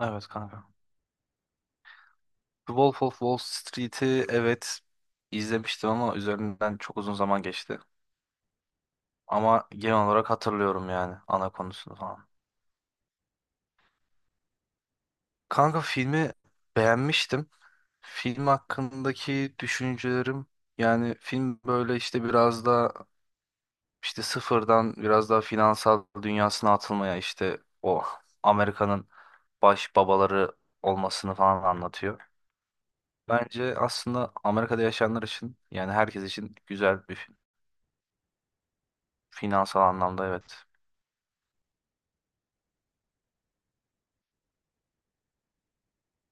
Evet kanka. The Wolf of Wall Street'i evet izlemiştim ama üzerinden çok uzun zaman geçti. Ama genel olarak hatırlıyorum yani ana konusunu falan. Kanka filmi beğenmiştim. Film hakkındaki düşüncelerim yani film böyle işte biraz da işte sıfırdan biraz daha finansal dünyasına atılmaya işte o Amerika'nın baş babaları olmasını falan anlatıyor. Bence aslında Amerika'da yaşayanlar için yani herkes için güzel bir film. Finansal anlamda evet.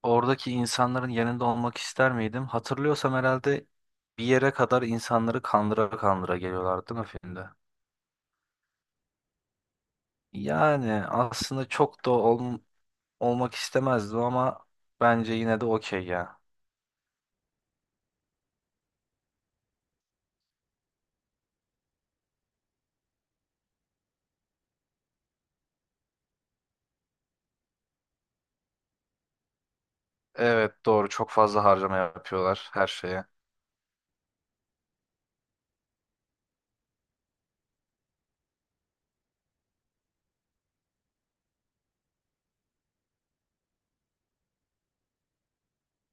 Oradaki insanların yanında olmak ister miydim? Hatırlıyorsam herhalde bir yere kadar insanları kandıra kandıra geliyorlardı değil mi filmde? Yani aslında çok da olmak istemezdim ama bence yine de okey ya. Evet doğru çok fazla harcama yapıyorlar her şeye.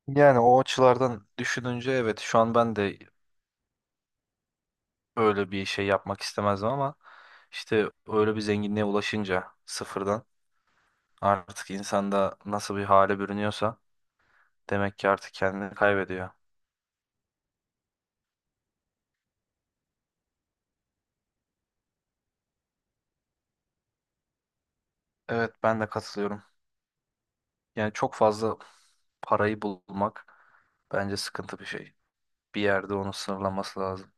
Yani o açılardan düşününce evet şu an ben de öyle bir şey yapmak istemezdim ama işte öyle bir zenginliğe ulaşınca sıfırdan artık insanda nasıl bir hale bürünüyorsa, demek ki artık kendini kaybediyor. Evet ben de katılıyorum. Yani çok fazla parayı bulmak bence sıkıntı bir şey. Bir yerde onu sınırlaması lazım.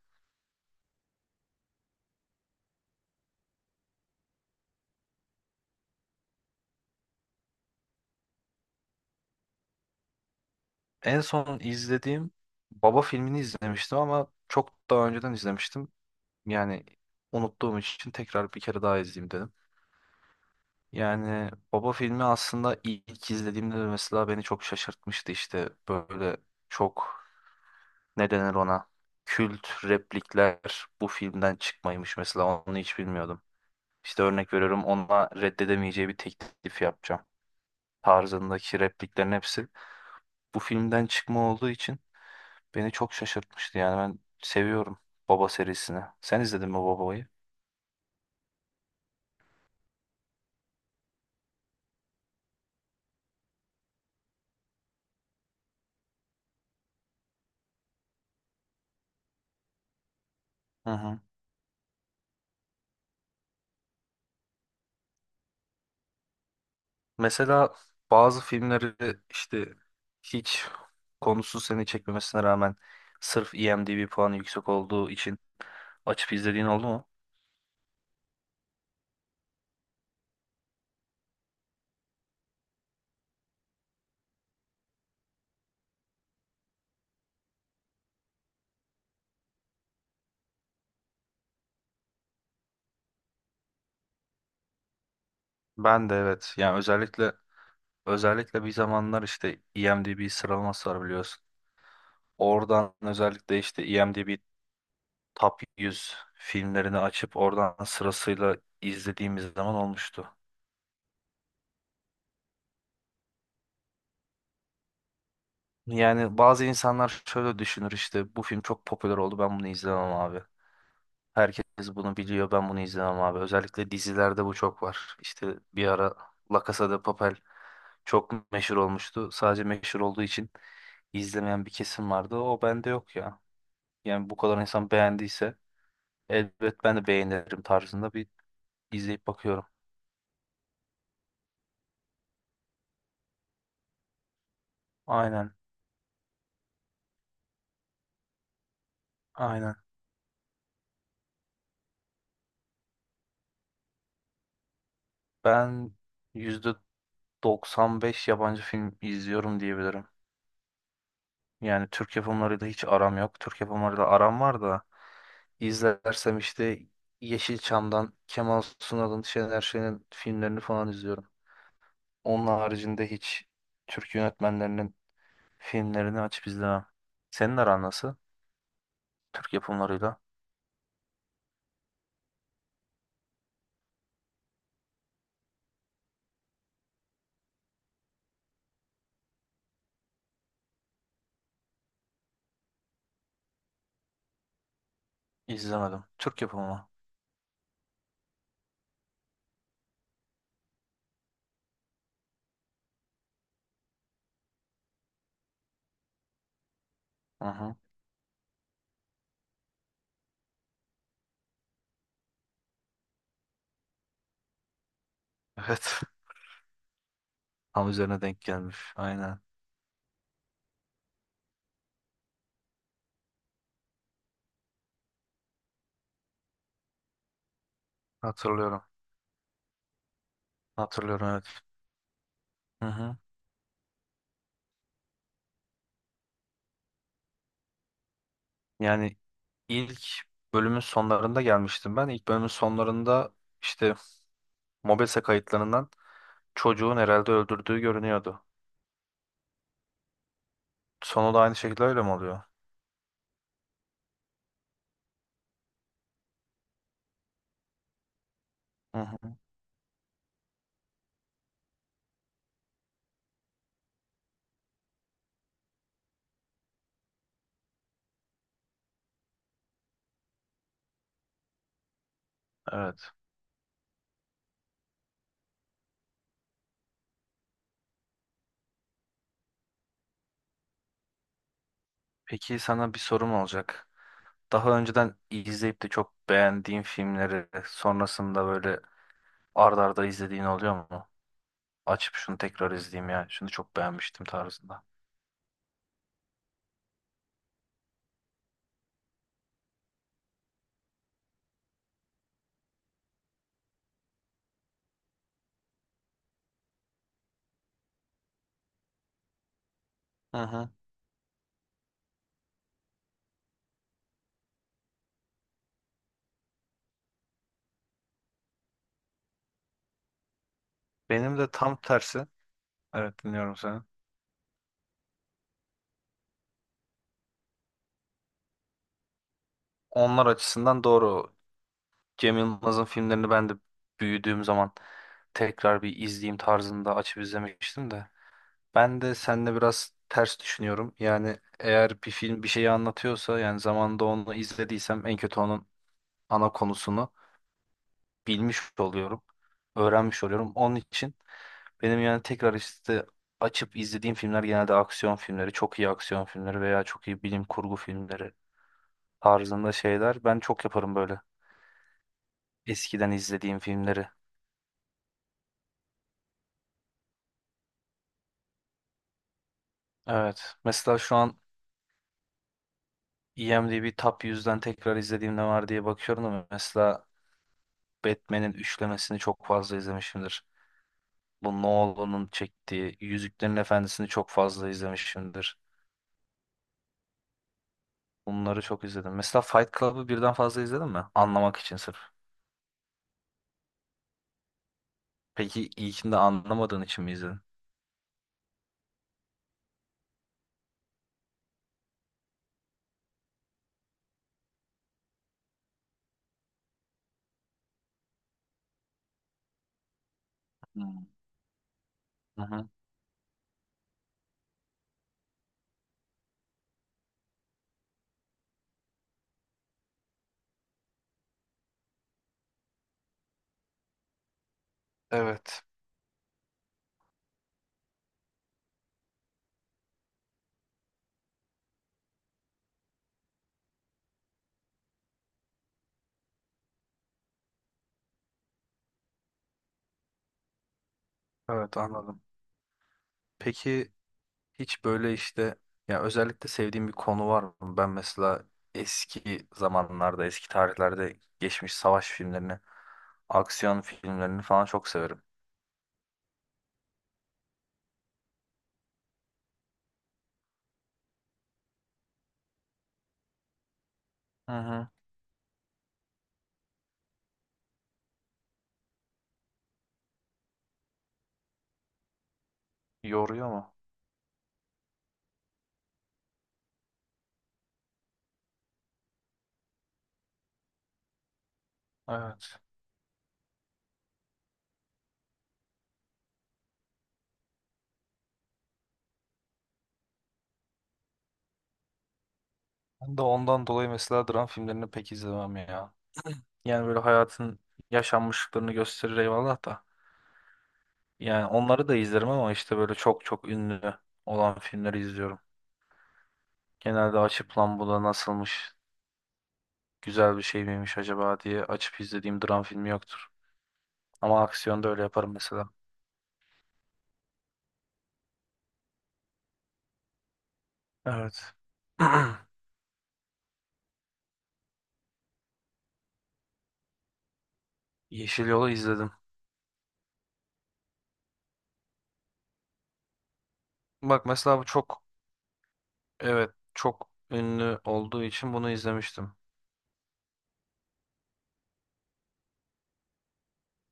En son izlediğim Baba filmini izlemiştim ama çok daha önceden izlemiştim. Yani unuttuğum için tekrar bir kere daha izleyeyim dedim. Yani Baba filmi aslında ilk izlediğimde de mesela beni çok şaşırtmıştı işte böyle çok ne denir ona kült replikler bu filmden çıkmaymış mesela onu hiç bilmiyordum. İşte örnek veriyorum, ona reddedemeyeceği bir teklif yapacağım tarzındaki repliklerin hepsi bu filmden çıkma olduğu için beni çok şaşırtmıştı. Yani ben seviyorum Baba serisini. Sen izledin mi Baba'yı? Hı hı. Mesela bazı filmleri işte hiç konusu seni çekmemesine rağmen sırf IMDb puanı yüksek olduğu için açıp izlediğin oldu mu? Ben de evet. Yani özellikle bir zamanlar işte IMDb sıralaması var biliyorsun. Oradan özellikle işte IMDb Top 100 filmlerini açıp oradan sırasıyla izlediğimiz zaman olmuştu. Yani bazı insanlar şöyle düşünür, işte bu film çok popüler oldu, ben bunu izlemem abi. Herkes bunu biliyor, ben bunu izlemem abi. Özellikle dizilerde bu çok var. İşte bir ara La Casa de Papel çok meşhur olmuştu. Sadece meşhur olduğu için izlemeyen bir kesim vardı. O bende yok ya. Yani bu kadar insan beğendiyse elbet ben de beğenirim tarzında bir izleyip bakıyorum. Aynen, aynen. Ben %95 yabancı film izliyorum diyebilirim. Yani Türk yapımlarıyla hiç aram yok. Türk yapımlarıyla aram var da izlersem işte Yeşilçam'dan Kemal Sunal'ın, Şener Şen'in filmlerini falan izliyorum. Onun haricinde hiç Türk yönetmenlerinin filmlerini açıp izlemem. Senin aran nasıl Türk yapımlarıyla? İzlemedim. Türk yapımı mı? Hı hı. Evet. Tam üzerine denk gelmiş. Aynen. Hatırlıyorum. Hatırlıyorum evet. Hı hı. Yani ilk bölümün sonlarında gelmiştim ben. İlk bölümün sonlarında işte Mobese kayıtlarından çocuğun herhalde öldürdüğü görünüyordu. Sonu da aynı şekilde öyle mi oluyor? Hı hı. Evet. Peki sana bir sorum olacak. Daha önceden izleyip de çok beğendiğin filmleri sonrasında böyle ard arda izlediğin oluyor mu? Açıp şunu tekrar izleyeyim ya, şunu çok beğenmiştim tarzında. Hı hı. Benim de tam tersi. Evet dinliyorum seni. Onlar açısından doğru. Cem Yılmaz'ın filmlerini ben de büyüdüğüm zaman tekrar bir izleyeyim tarzında açıp izlemiştim de. Ben de seninle biraz ters düşünüyorum. Yani eğer bir film bir şeyi anlatıyorsa, yani zamanında onu izlediysem, en kötü onun ana konusunu bilmiş oluyorum. Öğrenmiş oluyorum. Onun için benim yani tekrar işte açıp izlediğim filmler genelde aksiyon filmleri, çok iyi aksiyon filmleri veya çok iyi bilim kurgu filmleri tarzında şeyler. Ben çok yaparım böyle eskiden izlediğim filmleri. Evet. Mesela şu an IMDb Top yüzden tekrar izlediğim ne var diye bakıyorum ama mesela Batman'in üçlemesini çok fazla izlemişimdir. Bu Nolan'ın çektiği Yüzüklerin Efendisi'ni çok fazla izlemişimdir. Bunları çok izledim. Mesela Fight Club'ı birden fazla izledin mi? Anlamak için sırf. Peki ilkini de anlamadığın için mi izledin? Hmm. Hı hı. Evet. Evet anladım. Peki hiç böyle işte ya özellikle sevdiğim bir konu var mı? Ben mesela eski zamanlarda, eski tarihlerde geçmiş savaş filmlerini, aksiyon filmlerini falan çok severim. Hı hı. Yoruyor mu? Evet. Ben de ondan dolayı mesela dram filmlerini pek izlemem ya. Yani böyle hayatın yaşanmışlıklarını gösterir eyvallah da. Yani onları da izlerim ama işte böyle çok çok ünlü olan filmleri izliyorum. Genelde açıp lan bu da nasılmış, güzel bir şey miymiş acaba diye açıp izlediğim dram filmi yoktur. Ama aksiyonda öyle yaparım mesela. Evet. Yeşil Yol'u izledim. Bak mesela bu çok evet çok ünlü olduğu için bunu izlemiştim.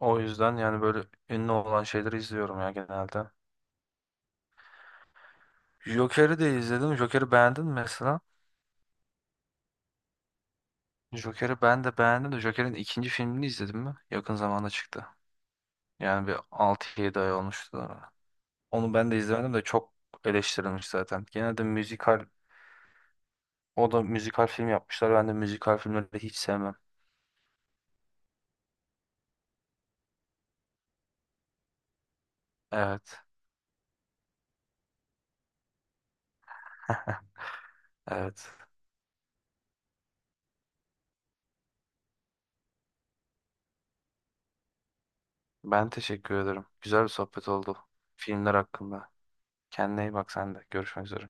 O yüzden yani böyle ünlü olan şeyleri izliyorum ya genelde. Joker'i de izledim. Joker'i beğendin mi mesela? Joker'i ben de beğendim de Joker'in ikinci filmini izledim mi? Yakın zamanda çıktı. Yani bir 6-7 ay olmuştu da. Onu ben de izlemedim de çok eleştirilmiş zaten. Genelde müzikal, o da müzikal film yapmışlar. Ben de müzikal filmleri hiç sevmem. Evet. Evet. Ben teşekkür ederim. Güzel bir sohbet oldu. Filmler hakkında. Kendine iyi bak sen de. Görüşmek üzere.